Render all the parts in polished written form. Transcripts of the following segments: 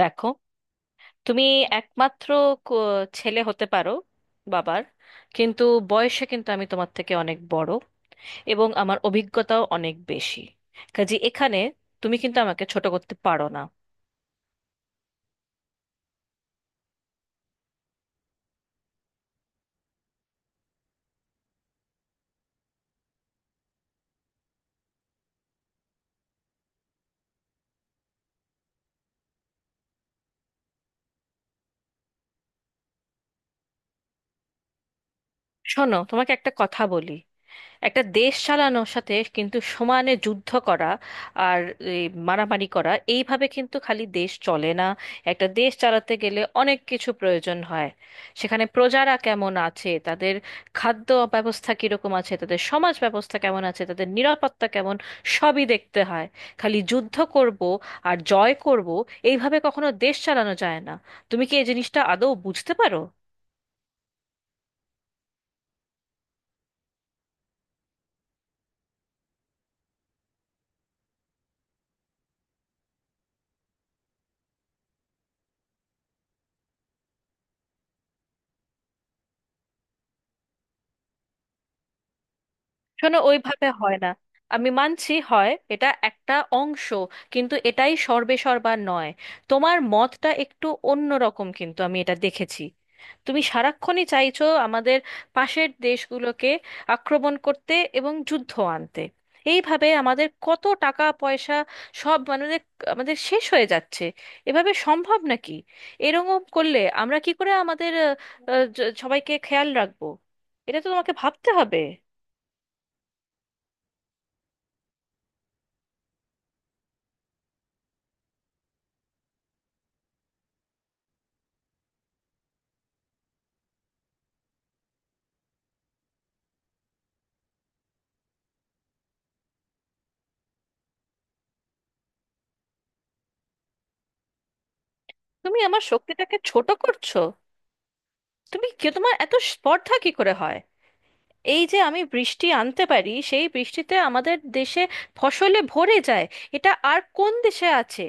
দেখো, তুমি একমাত্র ক- ছেলে হতে পারো বাবার, কিন্তু বয়সে কিন্তু আমি তোমার থেকে অনেক বড় এবং আমার অভিজ্ঞতাও অনেক বেশি। কাজে এখানে তুমি কিন্তু আমাকে ছোট করতে পারো না। শোনো, তোমাকে একটা কথা বলি। একটা দেশ চালানোর সাথে কিন্তু সমানে যুদ্ধ করা আর এই মারামারি করা, এইভাবে কিন্তু খালি দেশ চলে না। একটা দেশ চালাতে গেলে অনেক কিছু প্রয়োজন হয়। সেখানে প্রজারা কেমন আছে, তাদের খাদ্য ব্যবস্থা কিরকম আছে, তাদের সমাজ ব্যবস্থা কেমন আছে, তাদের নিরাপত্তা কেমন, সবই দেখতে হয়। খালি যুদ্ধ করব আর জয় করব, এইভাবে কখনো দেশ চালানো যায় না। তুমি কি এই জিনিসটা আদৌ বুঝতে পারো? শোনো, ওইভাবে হয় না। আমি মানছি, হয় এটা একটা অংশ, কিন্তু এটাই সর্বেসর্বা নয়। তোমার মতটা একটু অন্য রকম, কিন্তু আমি এটা দেখেছি তুমি সারাক্ষণই চাইছো আমাদের পাশের দেশগুলোকে আক্রমণ করতে এবং যুদ্ধ আনতে। এইভাবে আমাদের কত টাকা পয়সা, সব মানে আমাদের শেষ হয়ে যাচ্ছে। এভাবে সম্ভব নাকি? এরকম করলে আমরা কি করে আমাদের আহ, আহ, জ- সবাইকে খেয়াল রাখবো? এটা তো তোমাকে ভাবতে হবে। তুমি আমার শক্তিটাকে ছোট করছো। তুমি কি, তোমার এত স্পর্ধা কি করে হয়! এই যে আমি বৃষ্টি আনতে পারি, সেই বৃষ্টিতে আমাদের দেশে ফসলে ভরে যায়। এটা আর কোন দেশে আছে?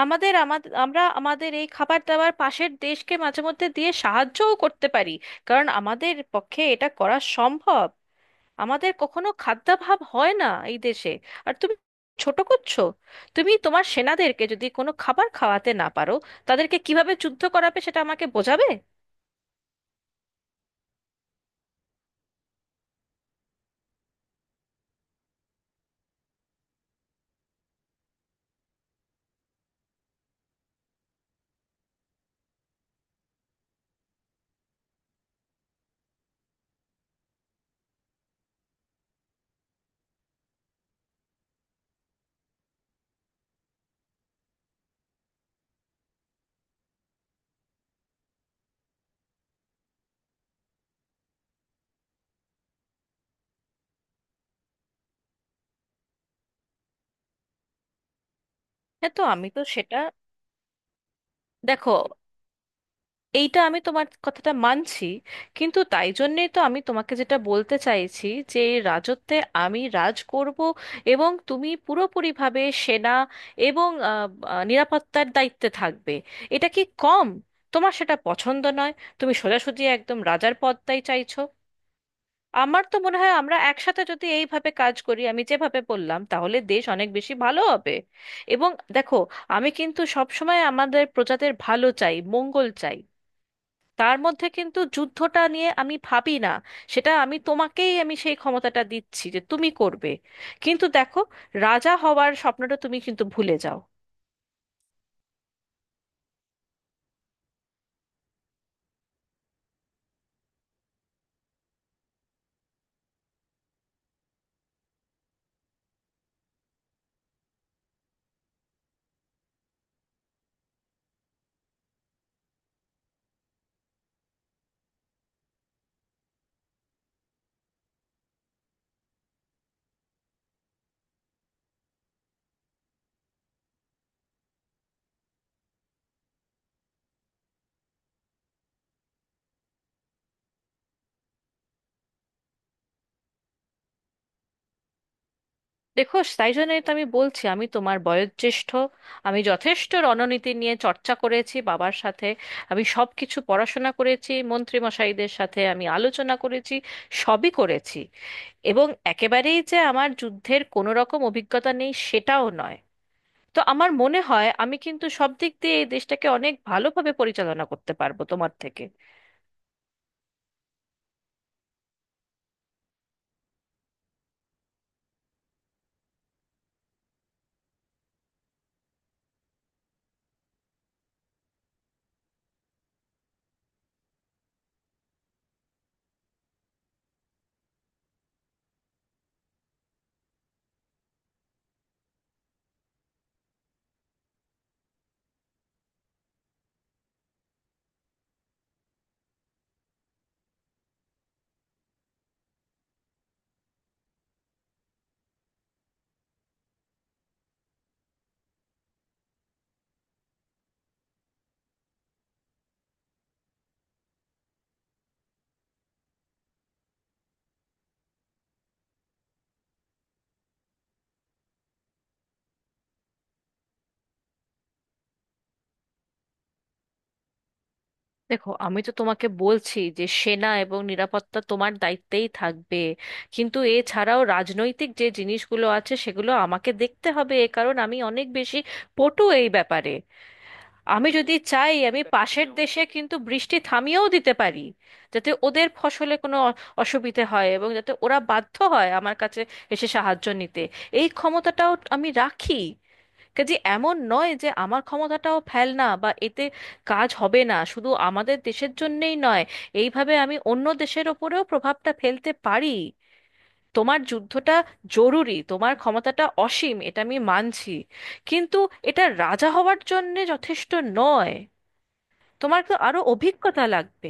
আমাদের আমাদের আমরা আমাদের এই খাবার দাবার পাশের দেশকে মাঝে মধ্যে দিয়ে সাহায্যও করতে পারি, কারণ আমাদের পক্ষে এটা করা সম্ভব। আমাদের কখনো খাদ্যাভাব হয় না এই দেশে। আর তুমি ছোট করছো। তুমি তোমার সেনাদেরকে যদি কোনো খাবার খাওয়াতে না পারো, তাদেরকে কিভাবে যুদ্ধ করাবে সেটা আমাকে বোঝাবে। হ্যাঁ, তো আমি তো সেটা। দেখো, এইটা আমি তোমার কথাটা মানছি, কিন্তু তাই জন্যেই তো আমি তোমাকে যেটা বলতে চাইছি যে এই রাজত্বে আমি রাজ করব, এবং তুমি পুরোপুরিভাবে সেনা এবং আহ, আহ, নিরাপত্তার দায়িত্বে থাকবে। এটা কি কম? তোমার সেটা পছন্দ নয়? তুমি সোজাসুজি একদম রাজার পদটাই চাইছো। আমার তো মনে হয় আমরা একসাথে যদি এইভাবে কাজ করি, আমি যেভাবে বললাম, তাহলে দেশ অনেক বেশি ভালো হবে। এবং দেখো, আমি কিন্তু সবসময় আমাদের প্রজাদের ভালো চাই, মঙ্গল চাই। তার মধ্যে কিন্তু যুদ্ধটা নিয়ে আমি ভাবি না। সেটা আমি তোমাকেই আমি সেই ক্ষমতাটা দিচ্ছি যে তুমি করবে, কিন্তু দেখো, রাজা হওয়ার স্বপ্নটা তুমি কিন্তু ভুলে যাও। দেখো, তাই জন্যই তো আমি বলছি, আমি তোমার বয়োজ্যেষ্ঠ। আমি যথেষ্ট রণনীতি নিয়ে চর্চা করেছি বাবার সাথে, আমি সব কিছু পড়াশোনা করেছি, মন্ত্রীমশাইদের সাথে আমি আলোচনা করেছি, সবই করেছি। এবং একেবারেই যে আমার যুদ্ধের কোনো রকম অভিজ্ঞতা নেই সেটাও নয়। তো আমার মনে হয় আমি কিন্তু সব দিক দিয়ে এই দেশটাকে অনেক ভালোভাবে পরিচালনা করতে পারবো তোমার থেকে। দেখো, আমি তো তোমাকে বলছি যে সেনা এবং নিরাপত্তা তোমার দায়িত্বেই থাকবে, কিন্তু এছাড়াও রাজনৈতিক যে জিনিসগুলো আছে, সেগুলো আমাকে দেখতে হবে, এ কারণ আমি অনেক বেশি পটু এই ব্যাপারে। আমি যদি চাই আমি পাশের দেশে কিন্তু বৃষ্টি থামিয়েও দিতে পারি, যাতে ওদের ফসলে কোনো অসুবিধে হয় এবং যাতে ওরা বাধ্য হয় আমার কাছে এসে সাহায্য নিতে। এই ক্ষমতাটাও আমি রাখি। কাজে এমন নয় যে আমার ক্ষমতাটাও ফেল না বা এতে কাজ হবে না। শুধু আমাদের দেশের জন্যেই নয়, এইভাবে আমি অন্য দেশের ওপরেও প্রভাবটা ফেলতে পারি। তোমার যুদ্ধটা জরুরি, তোমার ক্ষমতাটা অসীম, এটা আমি মানছি, কিন্তু এটা রাজা হওয়ার জন্যে যথেষ্ট নয়। তোমার তো আরো অভিজ্ঞতা লাগবে।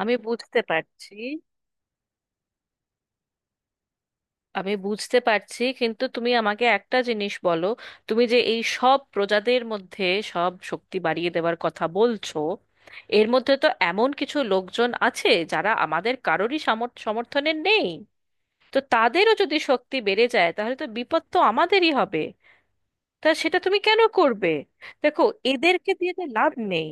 আমি বুঝতে পারছি, আমি বুঝতে পারছি, কিন্তু তুমি আমাকে একটা জিনিস বলো। তুমি যে এই সব প্রজাদের মধ্যে সব শক্তি বাড়িয়ে দেওয়ার কথা বলছো, এর মধ্যে তো এমন কিছু লোকজন আছে যারা আমাদের কারোরই সমর্থনের নেই। তো তাদেরও যদি শক্তি বেড়ে যায়, তাহলে তো বিপদ তো আমাদেরই হবে। তা সেটা তুমি কেন করবে? দেখো, এদেরকে দিয়ে তো লাভ নেই।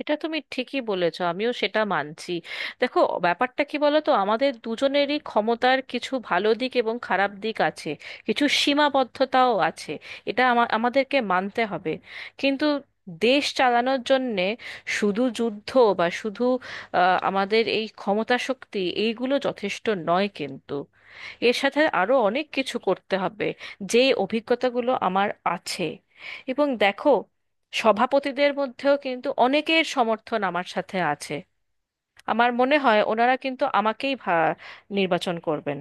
এটা তুমি ঠিকই বলেছো, আমিও সেটা মানছি। দেখো, ব্যাপারটা কি বলো তো, আমাদের দুজনেরই ক্ষমতার কিছু ভালো দিক এবং খারাপ দিক আছে, কিছু সীমাবদ্ধতাও আছে। এটা আমাদেরকে মানতে হবে। কিন্তু দেশ চালানোর জন্যে শুধু যুদ্ধ বা শুধু আমাদের এই ক্ষমতা শক্তি, এইগুলো যথেষ্ট নয়। কিন্তু এর সাথে আরো অনেক কিছু করতে হবে, যেই অভিজ্ঞতাগুলো আমার আছে। এবং দেখো, সভাপতিদের মধ্যেও কিন্তু অনেকের সমর্থন আমার সাথে আছে। আমার মনে হয় ওনারা কিন্তু আমাকেই নির্বাচন করবেন।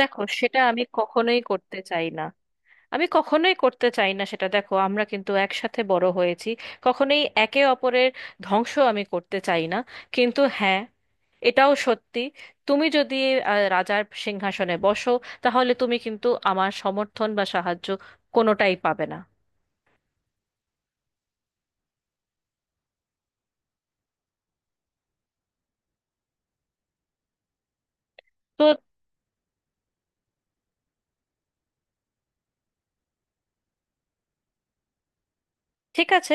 দেখো, সেটা আমি কখনোই করতে চাই না। আমি কখনোই করতে চাই না সেটা। দেখো, আমরা কিন্তু একসাথে বড় হয়েছি, কখনোই একে অপরের ধ্বংস আমি করতে চাই না। কিন্তু হ্যাঁ, এটাও সত্যি, তুমি যদি রাজার সিংহাসনে বসো, তাহলে তুমি কিন্তু আমার সমর্থন বা সাহায্য কোনোটাই পাবে না। তো ঠিক আছে।